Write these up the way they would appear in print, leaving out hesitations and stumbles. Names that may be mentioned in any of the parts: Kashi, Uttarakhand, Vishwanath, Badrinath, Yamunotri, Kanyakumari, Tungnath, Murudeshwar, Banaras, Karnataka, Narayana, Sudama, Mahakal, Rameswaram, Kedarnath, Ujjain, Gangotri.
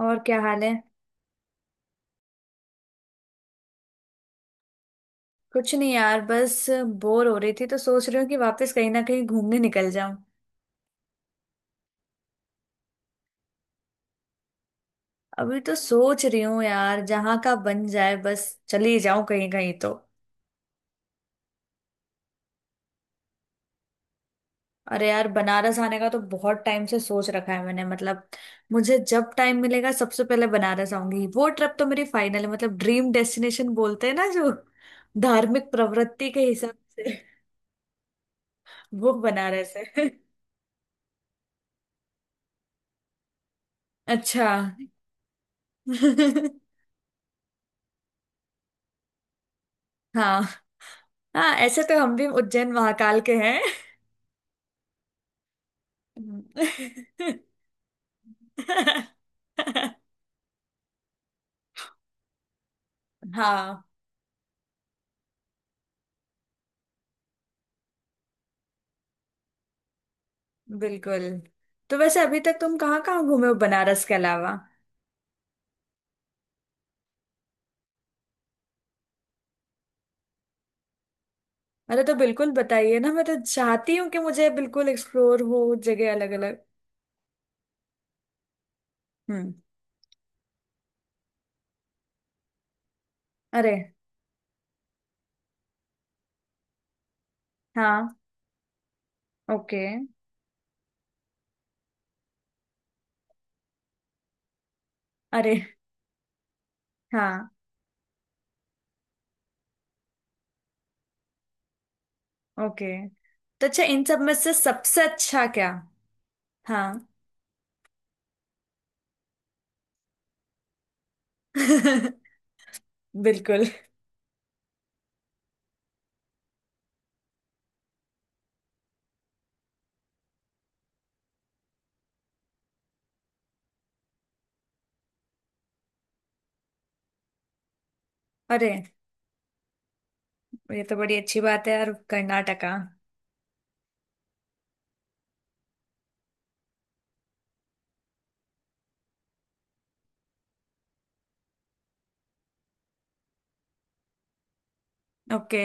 और क्या हाल है। कुछ नहीं यार, बस बोर हो रही थी तो सोच रही हूँ कि वापस कहीं ना कहीं घूमने निकल जाऊं। अभी तो सोच रही हूँ यार, जहाँ का बन जाए बस चली जाऊं, कहीं कहीं तो। अरे यार, बनारस आने का तो बहुत टाइम से सोच रखा है मैंने, मतलब मुझे जब टाइम मिलेगा सबसे पहले बनारस आऊंगी। वो ट्रिप तो मेरी फाइनल है, मतलब ड्रीम डेस्टिनेशन बोलते हैं ना जो, धार्मिक प्रवृत्ति के हिसाब से वो बनारस है। अच्छा। हाँ हाँ, ऐसे तो हम भी उज्जैन महाकाल के हैं। हाँ बिल्कुल। तो वैसे अभी तक तुम कहाँ कहाँ घूमे हो बनारस के अलावा? अरे, तो बिल्कुल बताइए ना, मैं तो चाहती हूँ कि मुझे बिल्कुल एक्सप्लोर हो जगह अलग अलग। हम्म। अरे, हाँ, ओके। अरे, हाँ, ओके। तो अच्छा, इन सब में से सबसे अच्छा क्या? हाँ। बिल्कुल। अरे, ये तो बड़ी अच्छी बात है यार, कर्नाटका। ओके।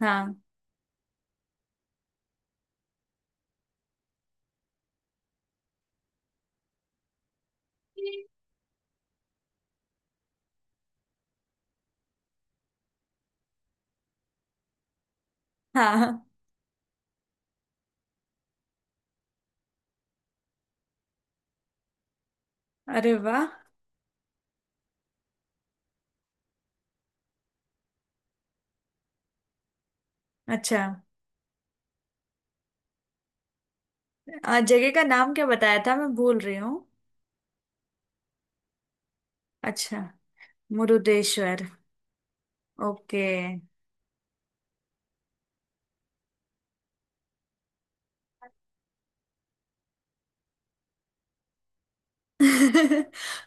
हाँ हाँ। अरे वाह। अच्छा। जगह का नाम क्या बताया था, मैं भूल रही हूँ। अच्छा। मुरुदेश्वर। ओके।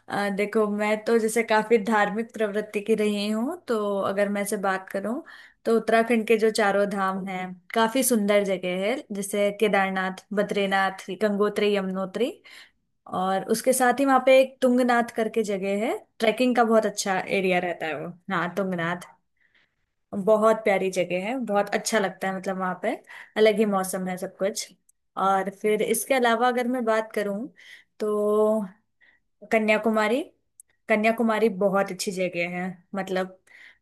देखो, मैं तो जैसे काफी धार्मिक प्रवृत्ति की रही हूँ, तो अगर मैं से बात करूँ तो उत्तराखंड के जो चारों धाम हैं, काफी सुंदर जगह है, जैसे केदारनाथ, बद्रीनाथ, गंगोत्री, यमुनोत्री। और उसके साथ ही वहाँ पे एक तुंगनाथ करके जगह है, ट्रैकिंग का बहुत अच्छा एरिया रहता है वो। हाँ, तुंगनाथ। बहुत प्यारी जगह है, बहुत अच्छा लगता है, मतलब वहां पे अलग ही मौसम है सब कुछ। और फिर इसके अलावा अगर मैं बात करूं तो कन्याकुमारी। कन्याकुमारी बहुत अच्छी जगह है, मतलब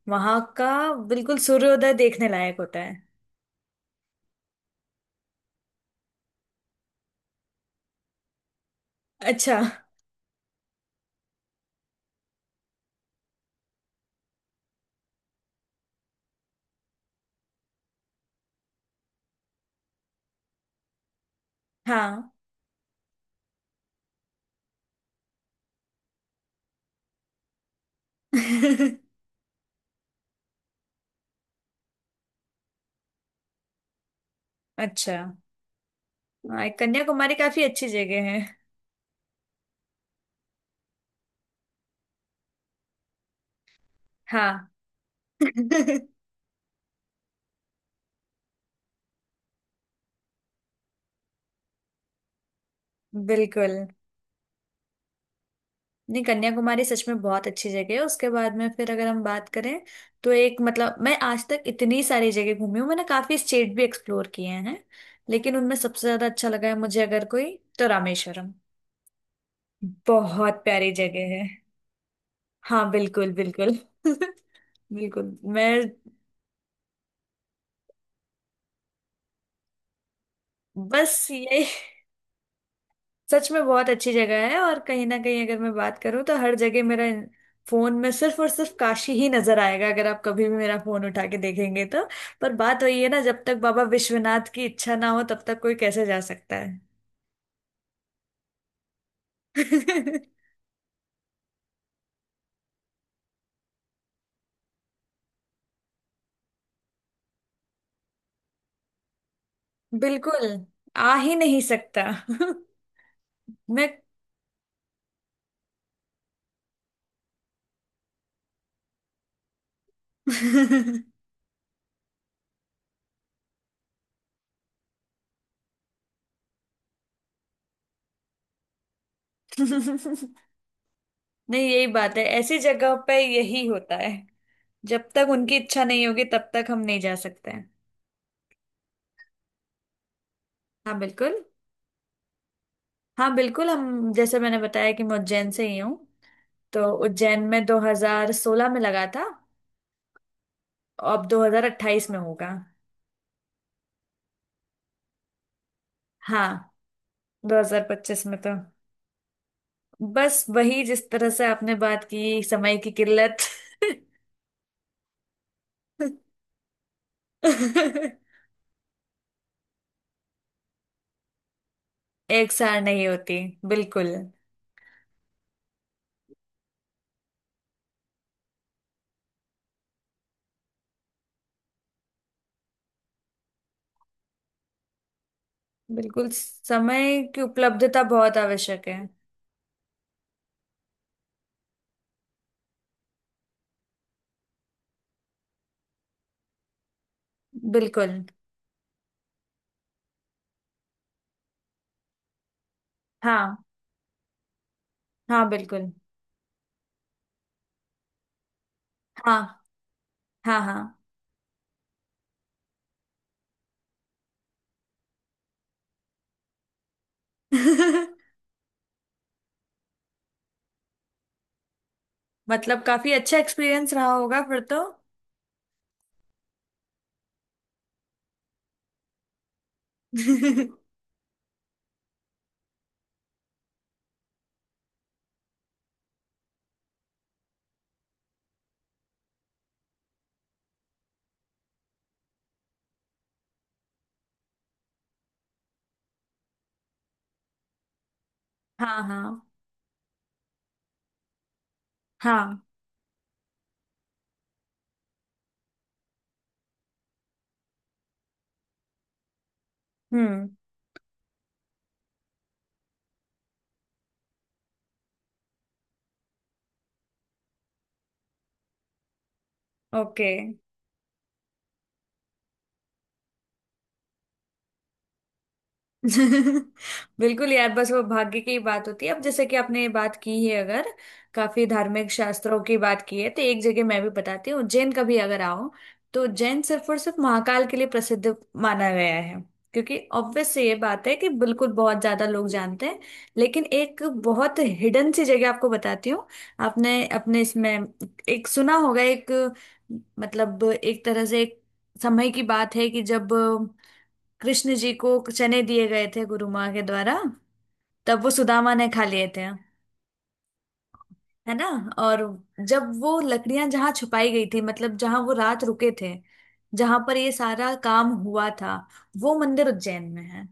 वहां का बिल्कुल सूर्योदय देखने लायक होता है। अच्छा। हाँ। अच्छा। हाँ, कन्याकुमारी काफी अच्छी जगह है। हाँ। बिल्कुल। नहीं, कन्याकुमारी सच में बहुत अच्छी जगह है। उसके बाद में फिर अगर हम बात करें तो एक मतलब मैं आज तक इतनी सारी जगह घूमी हूँ, मैंने काफी स्टेट भी एक्सप्लोर किए हैं, लेकिन उनमें सबसे ज्यादा अच्छा लगा है मुझे अगर कोई तो रामेश्वरम। बहुत प्यारी जगह है। हाँ बिल्कुल बिल्कुल। बिल्कुल। मैं बस यही, सच में बहुत अच्छी जगह है। और कहीं ना कहीं अगर मैं बात करूं तो हर जगह मेरा फोन में सिर्फ और सिर्फ काशी ही नजर आएगा, अगर आप कभी भी मेरा फोन उठा के देखेंगे तो। पर बात वही है ना, जब तक बाबा विश्वनाथ की इच्छा ना हो तब तक कोई कैसे जा सकता है। बिल्कुल। आ ही नहीं सकता। मैं। नहीं, यही बात है, ऐसी जगह पे यही होता है। जब तक उनकी इच्छा नहीं होगी तब तक हम नहीं जा सकते हैं। हाँ बिल्कुल। हाँ बिल्कुल, हम जैसे मैंने बताया कि मैं उज्जैन से ही हूँ। तो उज्जैन में 2016 में लगा था, अब 2028 में होगा। हाँ। 2025 में तो बस वही, जिस तरह से आपने बात की, समय की किल्लत। एक सार नहीं होती। बिल्कुल। बिल्कुल, समय की उपलब्धता बहुत आवश्यक है। बिल्कुल। हाँ हाँ बिल्कुल। हाँ हाँ हाँ। मतलब काफी अच्छा एक्सपीरियंस रहा होगा फिर तो। हाँ हाँ हाँ। हम्म। ओके। बिल्कुल यार, बस वो भाग्य की बात होती है। अब जैसे कि आपने बात की है, अगर काफी धार्मिक शास्त्रों की बात की है, तो एक जगह मैं भी बताती हूँ। उज्जैन का भी अगर आओ तो उज्जैन सिर्फ और सिर्फ महाकाल के लिए प्रसिद्ध माना गया है। क्योंकि ऑब्वियस से ये बात है कि बिल्कुल बहुत ज्यादा लोग जानते हैं। लेकिन एक बहुत हिडन सी जगह आपको बताती हूँ। आपने अपने इसमें एक सुना होगा, एक मतलब एक तरह से एक समय की बात है कि जब कृष्ण जी को चने दिए गए थे गुरु माँ के द्वारा, तब वो सुदामा ने खा लिए थे। है ना। और जब वो लकड़ियां जहां छुपाई गई थी, मतलब जहां वो रात रुके थे, जहां पर ये सारा काम हुआ था, वो मंदिर उज्जैन में है।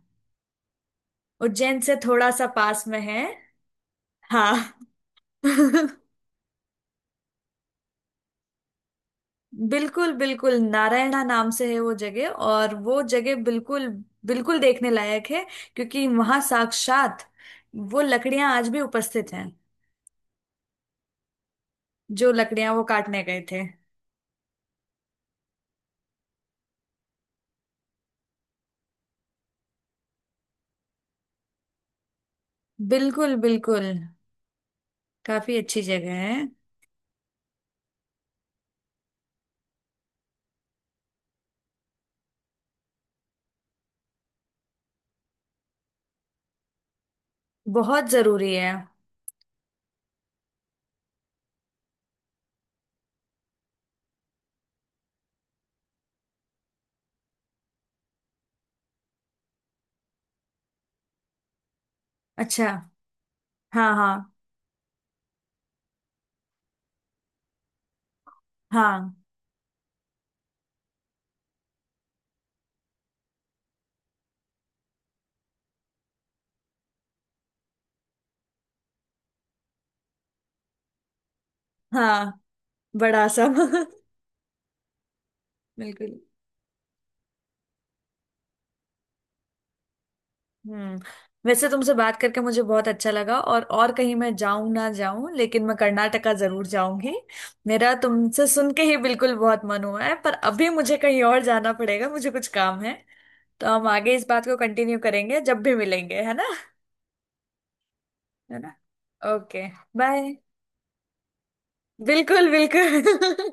उज्जैन से थोड़ा सा पास में है। हाँ। बिल्कुल बिल्कुल, नारायणा नाम से है वो जगह, और वो जगह बिल्कुल बिल्कुल देखने लायक है। क्योंकि वहां साक्षात वो लकड़ियां आज भी उपस्थित हैं, जो लकड़ियां वो काटने गए थे। बिल्कुल बिल्कुल। काफी अच्छी जगह है। बहुत जरूरी है। अच्छा। हाँ हाँ हाँ हाँ। बड़ा सा। बिल्कुल। हम्म। वैसे तुमसे बात करके मुझे बहुत अच्छा लगा, और कहीं मैं जाऊं ना जाऊं, लेकिन मैं कर्नाटका जरूर जाऊंगी। मेरा तुमसे सुन के ही बिल्कुल बहुत मन हुआ है, पर अभी मुझे कहीं और जाना पड़ेगा, मुझे कुछ काम है। तो हम आगे इस बात को कंटिन्यू करेंगे जब भी मिलेंगे, है ना। है ना। ओके। बाय। बिल्कुल बिल्कुल।